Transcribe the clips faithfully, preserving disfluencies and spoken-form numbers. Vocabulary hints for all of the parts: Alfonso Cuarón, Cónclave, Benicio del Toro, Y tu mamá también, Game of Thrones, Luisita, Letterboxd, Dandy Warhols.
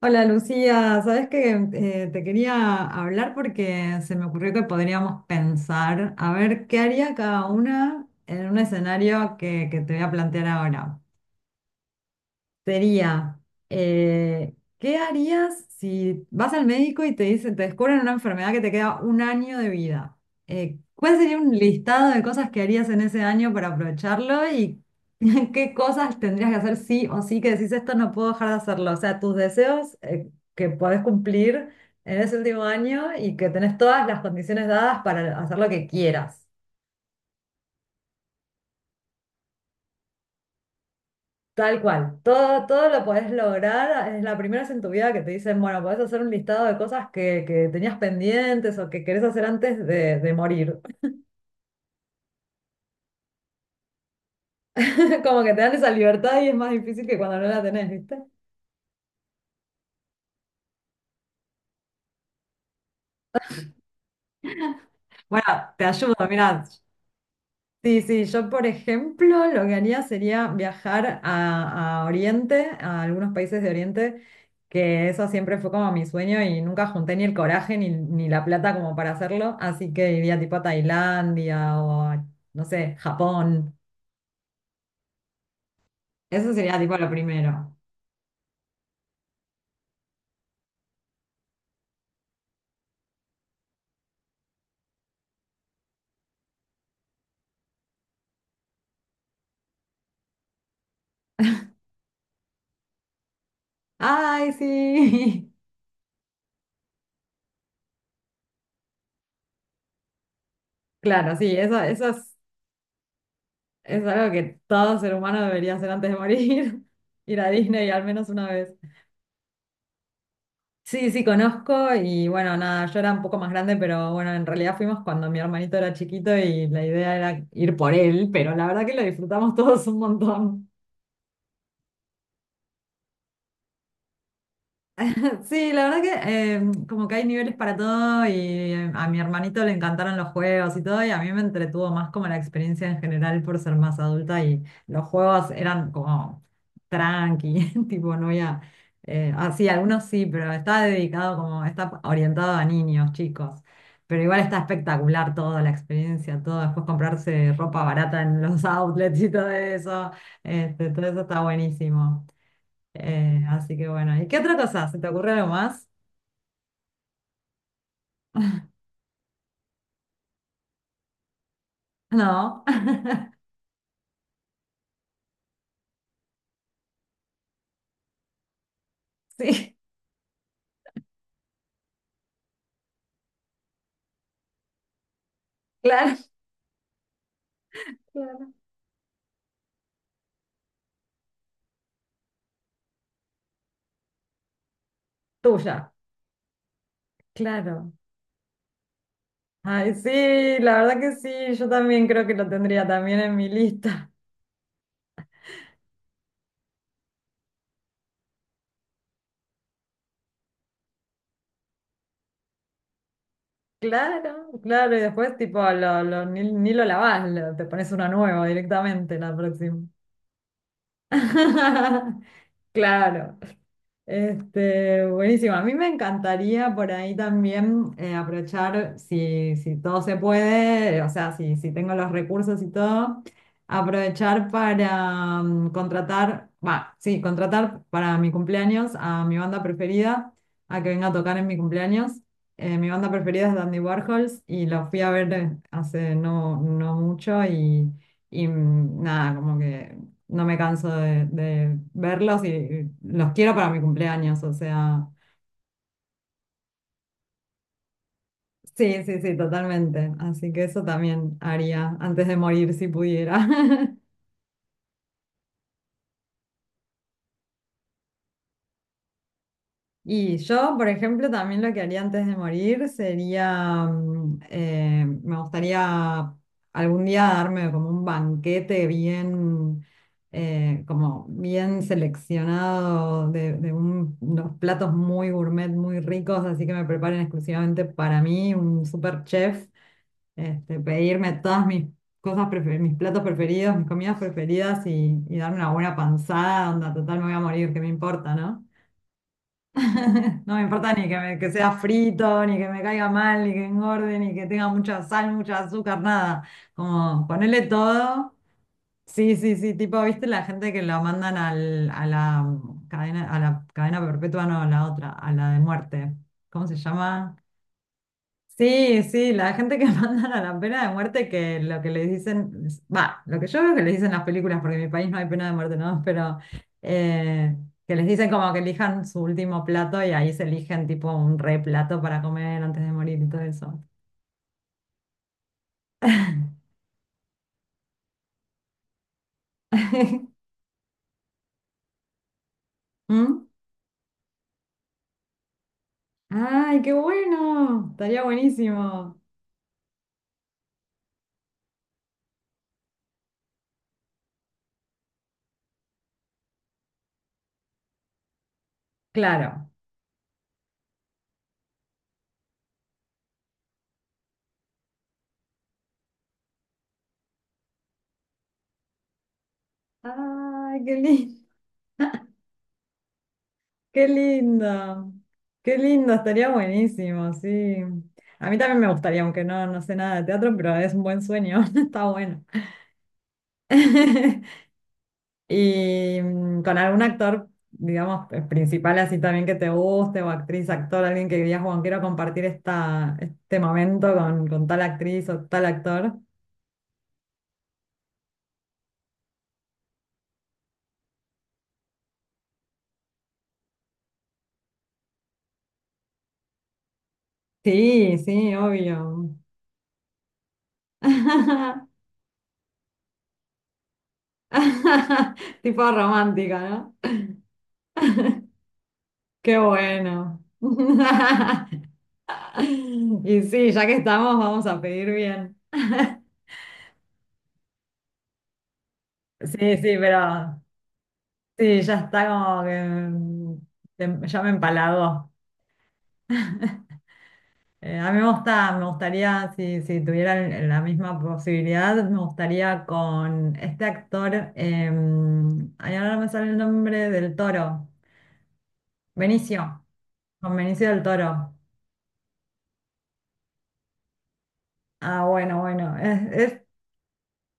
Hola Lucía, sabes que eh, te quería hablar porque se me ocurrió que podríamos pensar a ver qué haría cada una en un escenario que, que te voy a plantear ahora sería, eh, ¿qué harías si vas al médico y te dicen, te descubren una enfermedad que te queda un año de vida? Eh, ¿cuál sería un listado de cosas que harías en ese año para aprovecharlo y qué cosas tendrías que hacer sí o sí que decís esto no puedo dejar de hacerlo? O sea, tus deseos, eh, que podés cumplir en ese último año y que tenés todas las condiciones dadas para hacer lo que quieras. Tal cual, todo, todo lo puedes lograr. ah, Es la primera vez en tu vida que te dicen, bueno, podés hacer un listado de cosas que, que tenías pendientes o que querés hacer antes de, de morir. Como que te dan esa libertad y es más difícil que cuando no la tenés, ¿viste? Bueno, te ayudo, mira, sí, sí, yo por ejemplo lo que haría sería viajar a, a Oriente, a algunos países de Oriente, que eso siempre fue como mi sueño y nunca junté ni el coraje ni, ni la plata como para hacerlo, así que iría tipo a Tailandia o a, no sé, Japón. Eso sería tipo lo primero. Ay, sí. Claro, sí, eso, eso es, es algo que todo ser humano debería hacer antes de morir, ir a Disney al menos una vez. Sí, sí, conozco y bueno, nada, yo era un poco más grande, pero bueno, en realidad fuimos cuando mi hermanito era chiquito y la idea era ir por él, pero la verdad que lo disfrutamos todos un montón. Sí, la verdad que eh, como que hay niveles para todo y eh, a mi hermanito le encantaron los juegos y todo y a mí me entretuvo más como la experiencia en general por ser más adulta y los juegos eran como tranqui, tipo no había, eh, ah, sí, algunos sí, pero está dedicado como, está orientado a niños, chicos, pero igual está espectacular toda la experiencia, todo, después comprarse ropa barata en los outlets y todo eso, este, todo eso está buenísimo. Eh, así que bueno, ¿y qué otra cosa? ¿Se te ocurre algo más? No, sí, claro, claro, tuya, claro. Ay, sí, la verdad que sí, yo también creo que lo tendría también en mi lista. Claro, claro, y después tipo, lo, lo- ni, ni lo lavás, lo- te pones uno nuevo directamente la próxima. Claro. Este, buenísimo. A mí me encantaría por ahí también eh, aprovechar, si, si todo se puede, o sea, si, si tengo los recursos y todo, aprovechar para mm, contratar, va, sí, contratar para mi cumpleaños a mi banda preferida, a que venga a tocar en mi cumpleaños. Eh, mi banda preferida es Dandy Warhols y los fui a ver eh, hace no, no mucho y, y mm, nada, como que no me canso de, de verlos y, y los quiero para mi cumpleaños, o sea, sí, sí, sí, totalmente. Así que eso también haría antes de morir si pudiera. Y yo, por ejemplo, también lo que haría antes de morir sería, mm, eh, me gustaría algún día darme como un banquete bien, eh, como bien seleccionado de, de un- unos platos muy gourmet, muy ricos, así que me preparen exclusivamente para mí, un super chef, este, pedirme todas mis cosas, prefe- mis platos preferidos, mis comidas preferidas y, y darme una buena panzada, onda, total me voy a morir, ¿qué me importa, no? No me importa ni que, me- que sea frito, ni que me caiga mal, ni que engorde, ni que tenga mucha sal, mucha azúcar, nada. Como ponerle todo. Sí, sí, sí, tipo, ¿viste la gente que lo mandan al- a la cadena, a la cadena perpetua, no, a la otra, a la de muerte? ¿Cómo se llama? Sí, sí, la gente que mandan a la pena de muerte, que lo que les dicen, va, lo que yo veo que les dicen las películas, porque en mi país no hay pena de muerte, ¿no? Pero eh, que les dicen como que elijan su último plato y ahí se eligen tipo un re plato para comer antes de morir y todo eso. ¿Mm? ¡Ay, qué bueno! Estaría buenísimo. Claro. ¡Ay, qué lindo! Qué lindo, qué lindo, estaría buenísimo, sí. A mí también me gustaría, aunque no, no sé nada de teatro, pero es un buen sueño, está bueno. Y mm, con algún actor, digamos, eh, principal así también que te guste, o actriz, actor, alguien que digas, Juan, quiero compartir esta, este momento con, con tal actriz o tal actor. Sí, sí, obvio. Tipo romántica, ¿no? Qué bueno. Y sí, ya que estamos, vamos a pedir bien. Sí, sí, pero sí, ya está como que mm, te- ya me empalagó. Eh, a mí me gusta, me gustaría, si, si tuviera el- la misma posibilidad, me gustaría con este actor, eh, ay, ahora no me sale el nombre del Toro, Benicio, con Benicio del Toro. Ah, bueno, bueno, es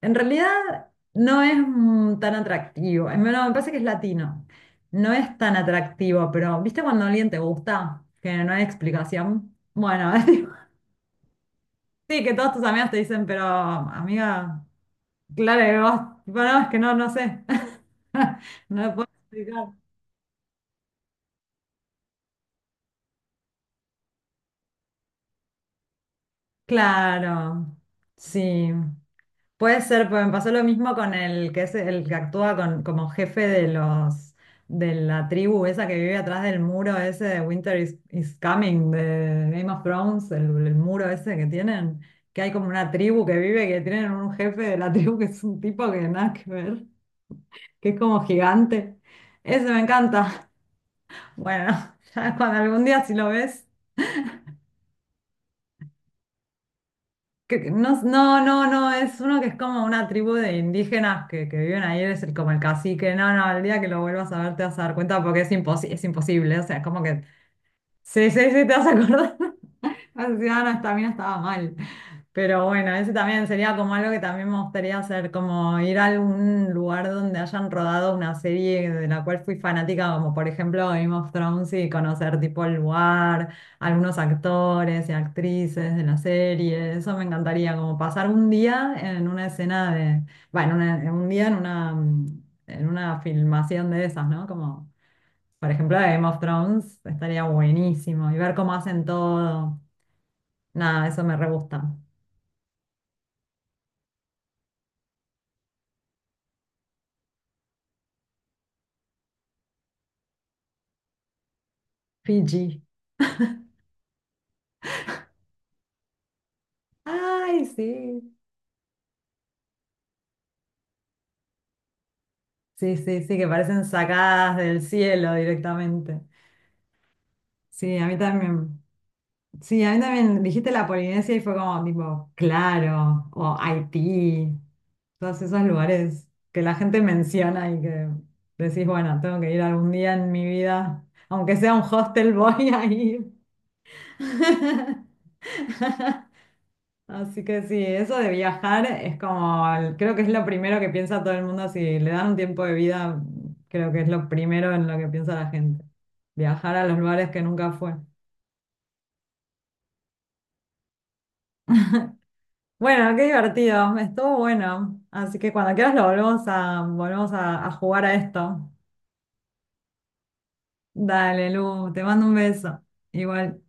en realidad no es mm, tan atractivo. En- No, me parece que es latino. No es tan atractivo, pero ¿viste cuando alguien te gusta? Que no hay explicación. Bueno, sí, que todos tus amigos te dicen, pero amiga, claro que vos, bueno, es que no, no sé. No lo puedo explicar. Claro, sí. Puede ser, pues me pasó lo mismo con el que es el que actúa con, como jefe de los de la tribu esa que vive atrás del muro ese de Winter is, is Coming de Game of Thrones, el, el muro ese que tienen, que hay como una tribu que vive, que tienen un jefe de la tribu que es un tipo que nada que ver, que es como gigante. Ese me encanta. Bueno, ya cuando algún día si lo ves. Que- no, no, no, no, es uno que es como una tribu de indígenas que, que viven ahí, es el, como el cacique. No, no, el día que lo vuelvas a ver te vas a dar cuenta porque es imposi- es imposible. O sea, como que sí, sí, sí, te vas a acordar. Ciudadanos también estaba mal. Pero bueno, ese también sería como algo que también me gustaría hacer, como ir a algún lugar donde hayan rodado una serie de la cual fui fanática, como por ejemplo Game of Thrones, y conocer tipo el lugar, algunos actores y actrices de la serie. Eso me encantaría, como pasar un día en una escena de, bueno, una- en un día en una, mm, en una filmación de esas, ¿no? Como por ejemplo de Game of Thrones, estaría buenísimo y ver cómo hacen todo. Nada, eso me re gusta. Fiji. Ay, sí. Sí, sí, sí, que parecen sacadas del cielo directamente. Sí, a mí también. Sí, a mí también dijiste la Polinesia y fue como tipo, claro, o Haití, todos esos lugares que la gente menciona y que decís, bueno, tengo que ir algún día en mi vida, aunque sea un hostel, voy a ir. Así que sí, eso de viajar es como, el- creo que es lo primero que piensa todo el mundo. Si le dan un tiempo de vida, creo que es lo primero en lo que piensa la gente. Viajar a los lugares que nunca fue. Bueno, qué divertido, estuvo bueno. Así que cuando quieras lo volvemos a, volvemos a, a jugar a esto. Dale, Lu, te mando un beso. Igual.